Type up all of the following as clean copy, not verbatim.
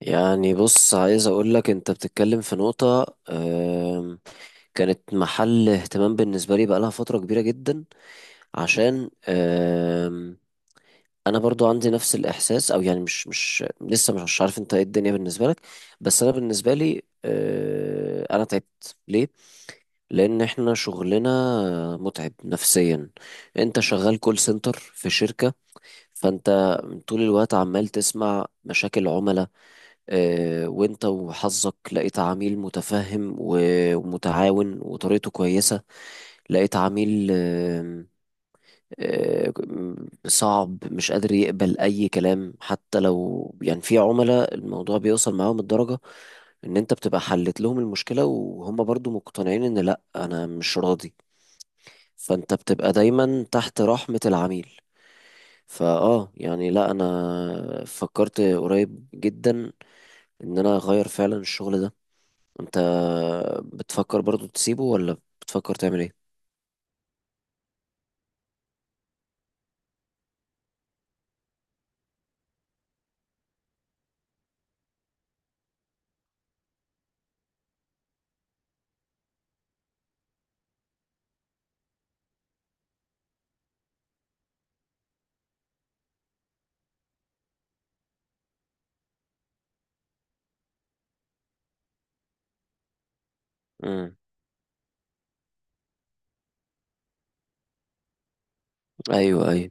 يعني بص عايز اقولك انت بتتكلم في نقطة كانت محل اهتمام بالنسبة لي بقالها فترة كبيرة جدا عشان انا برضو عندي نفس الاحساس او يعني مش لسه مش عارف انت ايه الدنيا بالنسبة لك. بس انا بالنسبة لي انا تعبت ليه؟ لان احنا شغلنا متعب نفسيا. انت شغال كول سنتر في شركة، فانت طول الوقت عمال تسمع مشاكل عملاء. وانت وحظك لقيت عميل متفهم ومتعاون وطريقته كويسة، لقيت عميل آم، آه، صعب مش قادر يقبل اي كلام. حتى لو يعني في عملاء الموضوع بيوصل معاهم الدرجة ان انت بتبقى حلت لهم المشكلة وهم برضو مقتنعين ان لا انا مش راضي، فانت بتبقى دايما تحت رحمة العميل. يعني لا، انا فكرت قريب جدا ان انا اغير فعلا الشغل ده. انت بتفكر برضو تسيبه ولا بتفكر تعمل ايه؟ امم ايوه ايوه.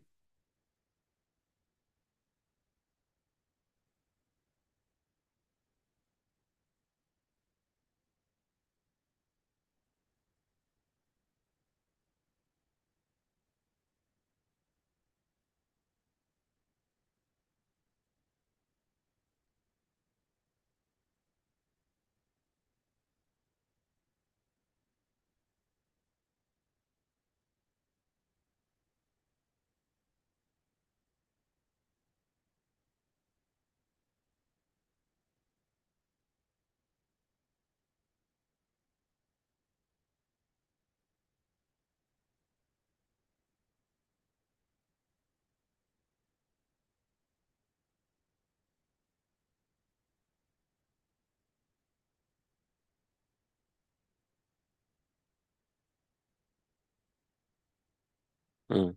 امم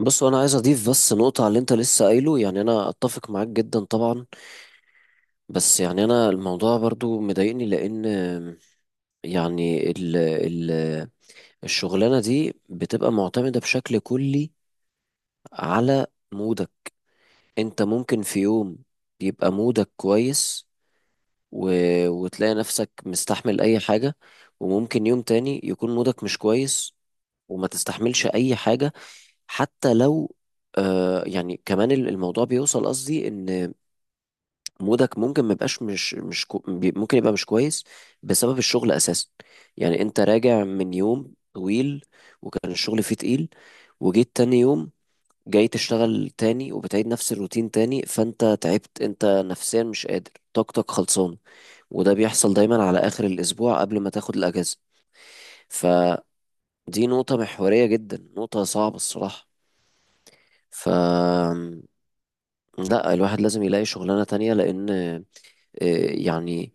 بص انا عايز اضيف بس نقطة على اللي انت لسه قايله. يعني انا اتفق معاك جدا طبعا، بس يعني انا الموضوع برضو مضايقني، لان يعني ال الشغلانة دي بتبقى معتمدة بشكل كلي على مودك. انت ممكن في يوم يبقى مودك كويس و... وتلاقي نفسك مستحمل اي حاجة، وممكن يوم تاني يكون مودك مش كويس وما تستحملش اي حاجة. حتى لو يعني كمان الموضوع بيوصل قصدي ان مودك ممكن ما يبقاش مش مش كو بي- ممكن يبقى مش كويس بسبب الشغل اساسا. يعني انت راجع من يوم طويل وكان الشغل فيه تقيل، وجيت تاني يوم جاي تشتغل تاني وبتعيد نفس الروتين تاني، فانت تعبت، انت نفسيا مش قادر، طاقتك خلصانه. وده بيحصل دايما على اخر الاسبوع قبل ما تاخد الاجازه. فدي نقطه محوريه جدا، نقطه صعبه الصراحه. ف لا، الواحد لازم يلاقي شغلانة تانية. لأن يعني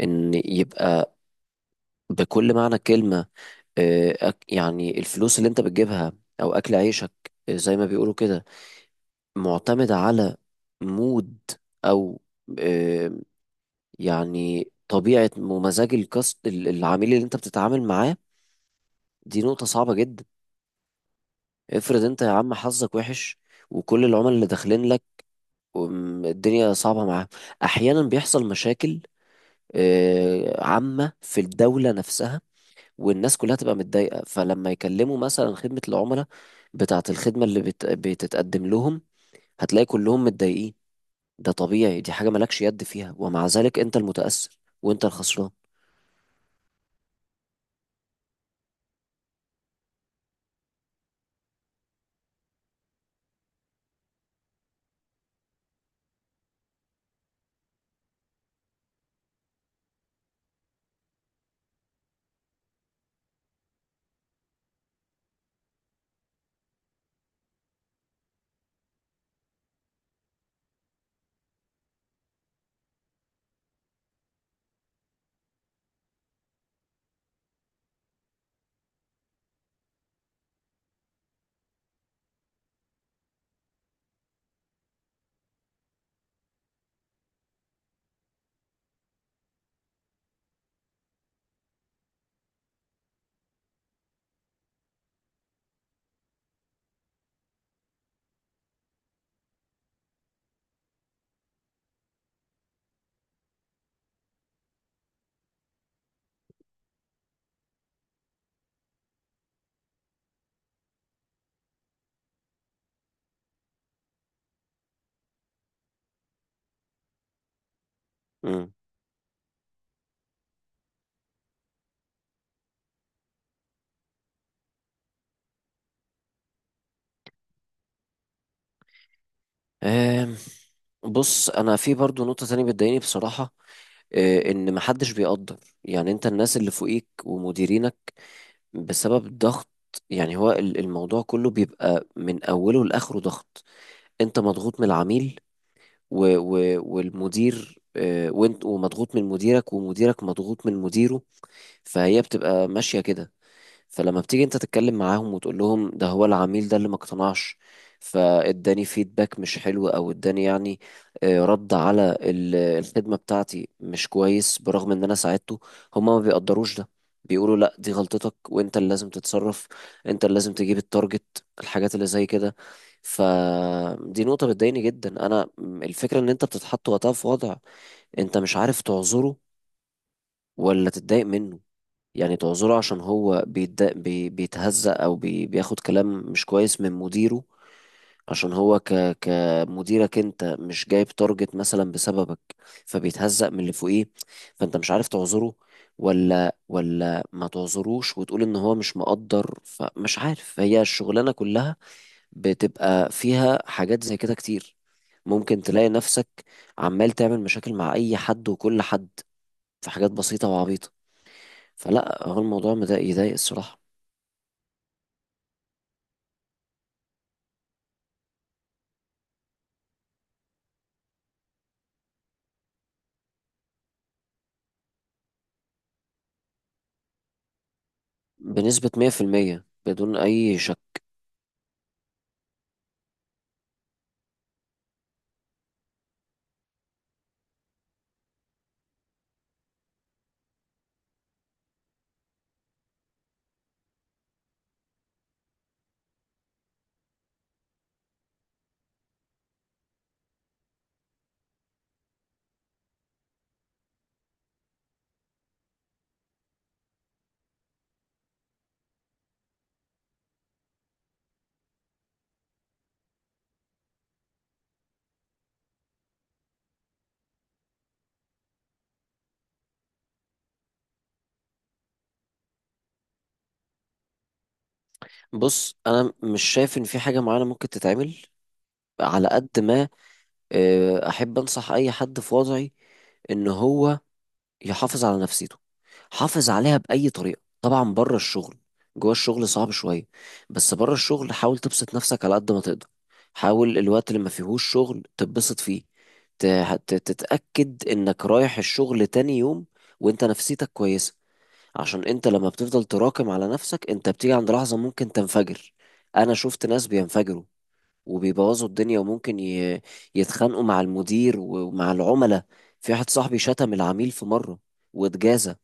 إن يبقى بكل معنى الكلمة يعني الفلوس اللي أنت بتجيبها أو أكل عيشك، زي ما بيقولوا كده، معتمد على مود أو آه، يعني طبيعة ومزاج الكاست العميل اللي أنت بتتعامل معاه. دي نقطة صعبة جدا. افرض أنت يا عم حظك وحش وكل العملاء اللي داخلين لك الدنيا صعبة معاه. أحيانا بيحصل مشاكل عامة في الدولة نفسها، والناس كلها تبقى متضايقة، فلما يكلموا مثلا خدمة العملاء بتاعة الخدمة اللي بتتقدم لهم هتلاقي كلهم متضايقين. ده طبيعي، دي حاجة مالكش يد فيها، ومع ذلك أنت المتأثر وأنت الخسران. مم. آم، بص انا في برضو نقطة تانية بتضايقني بصراحة. ان محدش بيقدر يعني، انت الناس اللي فوقيك ومديرينك بسبب الضغط. يعني هو الموضوع كله بيبقى من أوله لآخره ضغط. أنت مضغوط من العميل و و والمدير، وانت ومضغوط من مديرك ومديرك مضغوط من مديره، فهي بتبقى ماشية كده. فلما بتيجي انت تتكلم معاهم وتقول لهم ده هو العميل ده اللي ما اقتنعش فاداني فيدباك مش حلو، او اداني يعني رد على الخدمة بتاعتي مش كويس برغم ان انا ساعدته، هما ما بيقدروش ده. بيقولوا لا دي غلطتك، وانت اللي لازم تتصرف، انت اللي لازم تجيب التارجت الحاجات اللي زي كده. فدي نقطة بتضايقني جدا انا. الفكرة ان انت بتتحط وقتها في وضع انت مش عارف تعذره ولا تتضايق منه. يعني تعذره عشان هو بيتهزأ بياخد كلام مش كويس من مديره، عشان هو كمديرك انت مش جايب تارجت مثلا بسببك، فبيتهزأ من اللي فوقيه. فانت مش عارف تعذره ولا ما تعذروش وتقول ان هو مش مقدر. فمش عارف، هي الشغلانة كلها بتبقى فيها حاجات زي كده كتير. ممكن تلاقي نفسك عمال تعمل مشاكل مع اي حد وكل حد في حاجات بسيطة وعبيطة. فلا، هو الموضوع يضايق الصراحة. بنسبة 100% بدون أي شك. بص أنا مش شايف إن في حاجة معينة ممكن تتعمل على قد ما، أحب أنصح أي حد في وضعي إن هو يحافظ على نفسيته. حافظ عليها بأي طريقة، طبعا بره الشغل، جوه الشغل صعب شوية، بس بره الشغل حاول تبسط نفسك على قد ما تقدر. حاول الوقت اللي ما فيهوش شغل تتبسط فيه، ت- تتأكد إنك رايح الشغل تاني يوم وإنت نفسيتك كويسة. عشان انت لما بتفضل تراكم على نفسك انت بتيجي عند لحظة ممكن تنفجر. انا شفت ناس بينفجروا وبيبوظوا الدنيا وممكن يتخانقوا مع المدير ومع العملاء. في واحد صاحبي شتم العميل في مرة واتجازى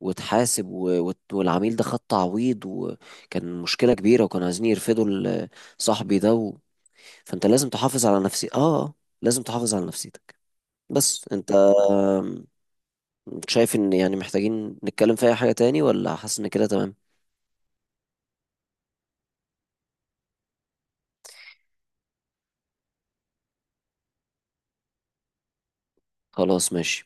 واتحاسب والعميل ده خد تعويض وكان مشكلة كبيرة، وكانوا عايزين يرفدوا صاحبي ده فانت لازم تحافظ على نفسي اه، آه، لازم تحافظ على نفسيتك. بس انت شايف ان يعني محتاجين نتكلم في اي حاجة تاني ولا حاسس ان كده تمام؟ خلاص ماشي.